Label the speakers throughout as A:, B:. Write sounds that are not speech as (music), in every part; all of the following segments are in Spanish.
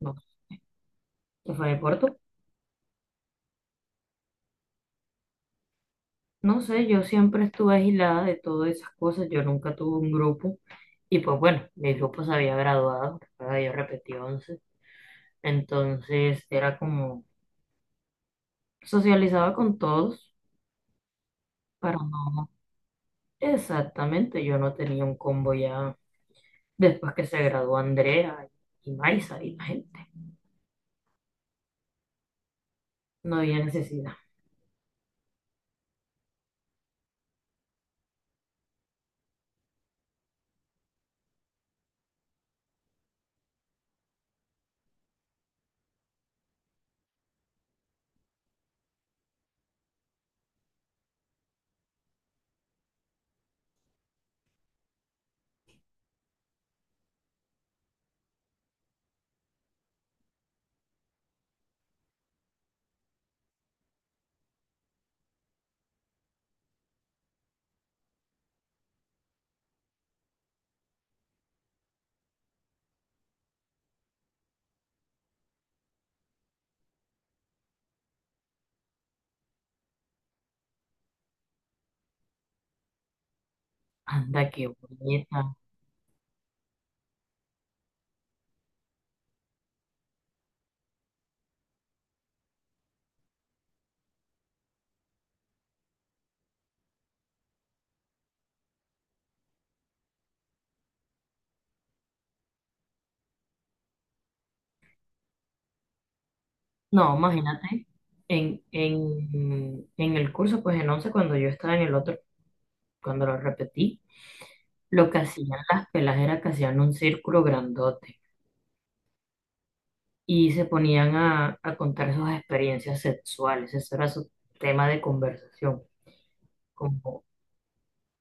A: No, se fue de Porto. No sé, yo siempre estuve aislada de todas esas cosas, yo nunca tuve un grupo y pues bueno, mi grupo se había graduado, recuerda, yo repetí 11 entonces era como socializaba con todos para no... Exactamente, yo no tenía un combo ya después que se graduó Andrea y Maisa y la gente, no había necesidad. Anda, qué bonita. No, imagínate, en el curso, pues en 11 cuando yo estaba en el otro. Cuando lo repetí, lo que hacían las pelas era que hacían un círculo grandote y se ponían a contar sus experiencias sexuales. Ese era su tema de conversación. Como,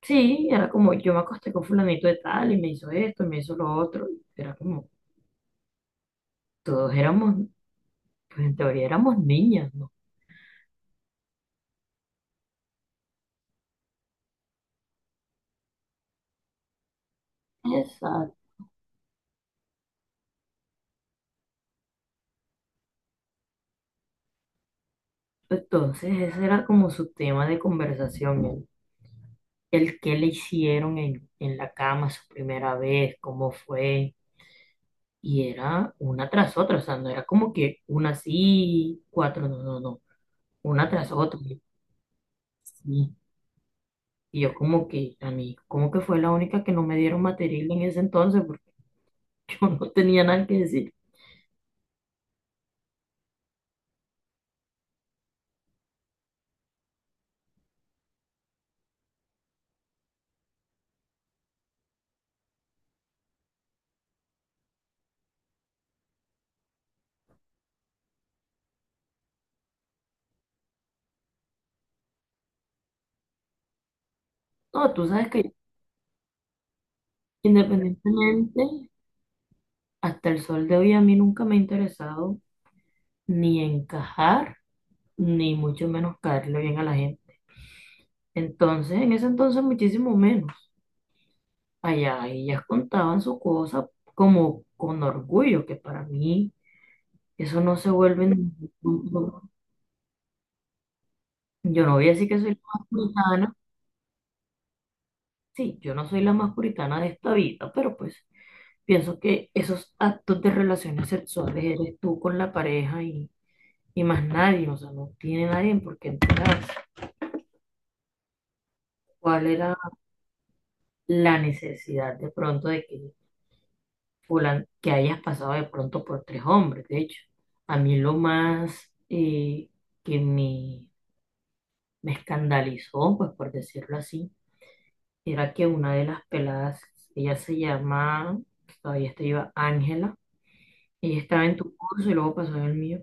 A: sí, era como yo me acosté con fulanito de tal y me hizo esto y me hizo lo otro. Era como, todos éramos, pues en teoría éramos niñas, ¿no? Exacto. Entonces ese era como su tema de conversación, el qué le hicieron en la cama su primera vez, cómo fue. Y era una tras otra, o sea, no era como que una sí, cuatro, no, no, no, una tras otra. Sí. Y yo como que, a mí, como que fue la única que no me dieron material en ese entonces, porque (laughs) yo no tenía nada que decir. No, tú sabes que independientemente, hasta el sol de hoy a mí nunca me ha interesado ni encajar, ni mucho menos caerle bien a la gente. Entonces, en ese entonces muchísimo menos. Allá ellas contaban su cosa como con orgullo, que para mí eso no se vuelve ningún punto. Yo no voy a decir que soy la más puritana. Sí, yo no soy la más puritana de esta vida, pero pues pienso que esos actos de relaciones sexuales eres tú con la pareja y más nadie, o sea, no tiene nadie por qué enterarse. ¿Cuál era la necesidad de pronto de que, que hayas pasado de pronto por tres hombres? De hecho, a mí lo más que me escandalizó, pues por decirlo así, era que una de las peladas, ella se llama, todavía está viva, Ángela, ella estaba en tu curso y luego pasó en el mío.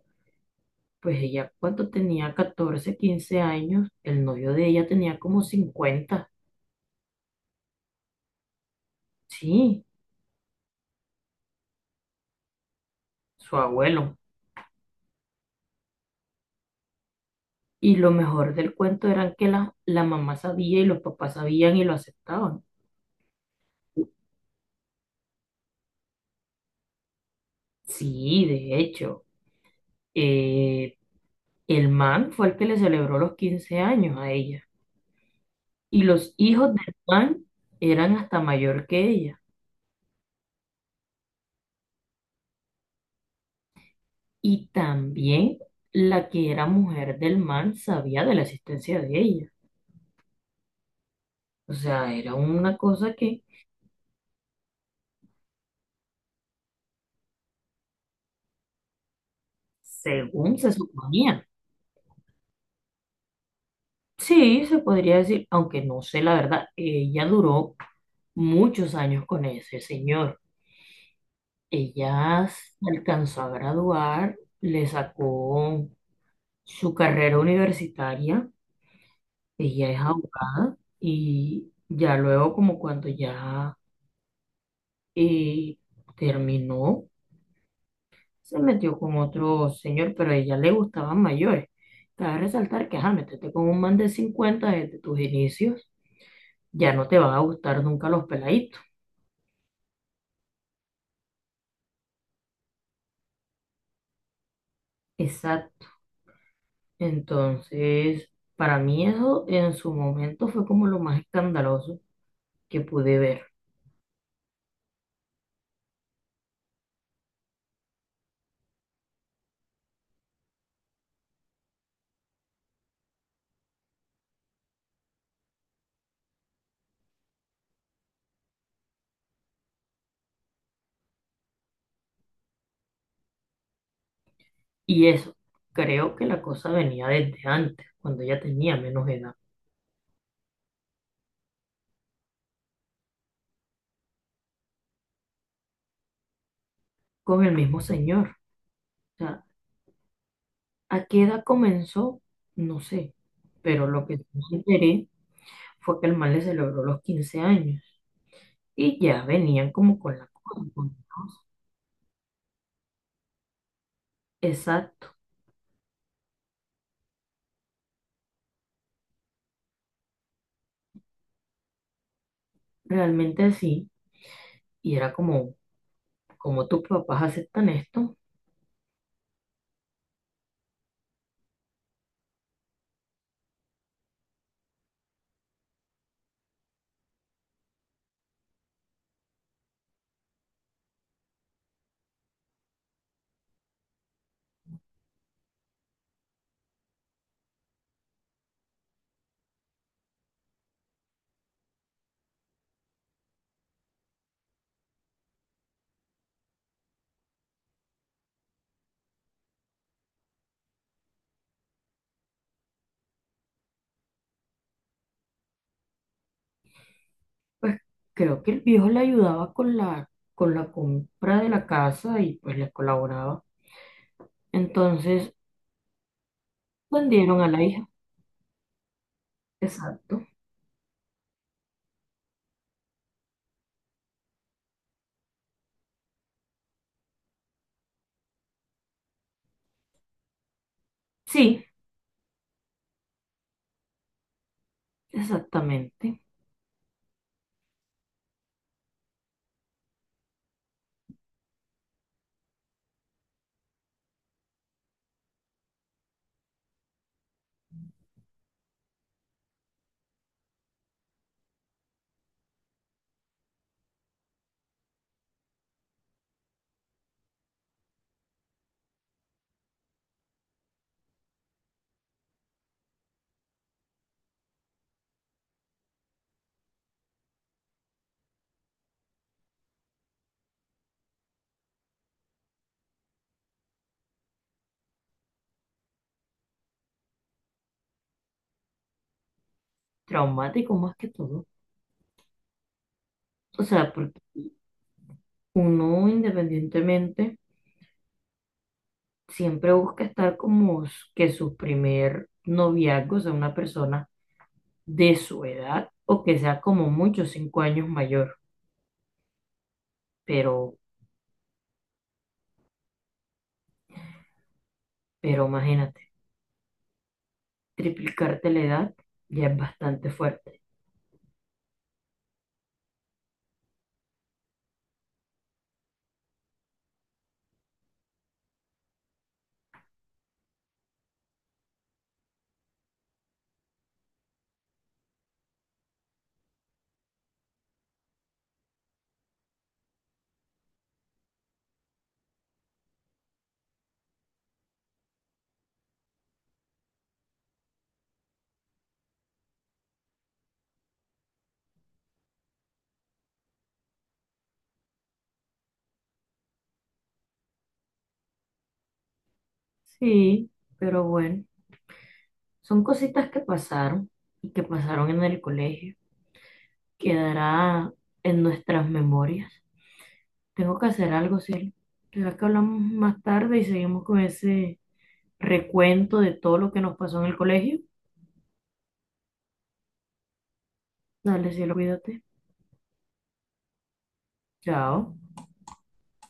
A: Pues ella cuando tenía 14 15 años, el novio de ella tenía como 50. Sí, su abuelo. Y lo mejor del cuento era que la mamá sabía y los papás sabían y lo aceptaban. Sí, de hecho, eh, el man fue el que le celebró los 15 años a ella. Y los hijos del man eran hasta mayor que ella. Y también la que era mujer del man sabía de la existencia de ella. O sea, era una cosa que, según se suponía, sí, se podría decir, aunque no sé la verdad, ella duró muchos años con ese señor. Ella se alcanzó a graduar, le sacó su carrera universitaria, ella es abogada y ya luego como cuando ya eh, terminó, se metió con otro señor, pero a ella le gustaban mayores. Cabe resaltar que, ajá, métete con un man de 50 desde tus inicios, ya no te van a gustar nunca los peladitos. Exacto. Entonces, para mí eso en su momento fue como lo más escandaloso que pude ver. Y eso, creo que la cosa venía desde antes, cuando ella tenía menos edad, con el mismo señor. O sea, ¿a qué edad comenzó? No sé, pero lo que sí me enteré fue que el mal le celebró los 15 años y ya venían como con la culpa. Exacto, realmente sí, y era como, como tus papás aceptan esto, pues creo que el viejo le ayudaba con la compra de la casa y pues le colaboraba. Entonces, vendieron a la hija. Exacto. Sí, exactamente. Traumático más que todo. O sea, porque uno independientemente siempre busca estar como que su primer noviazgo sea una persona de su edad o que sea como mucho 5 años mayor. Pero, pero, imagínate, triplicarte la edad ya es bastante fuerte. Sí, pero bueno, son cositas que pasaron y que pasaron en el colegio. Quedará en nuestras memorias. Tengo que hacer algo, Cielo. ¿Será que hablamos más tarde y seguimos con ese recuento de todo lo que nos pasó en el colegio? Dale, cielo, cuídate. Chao.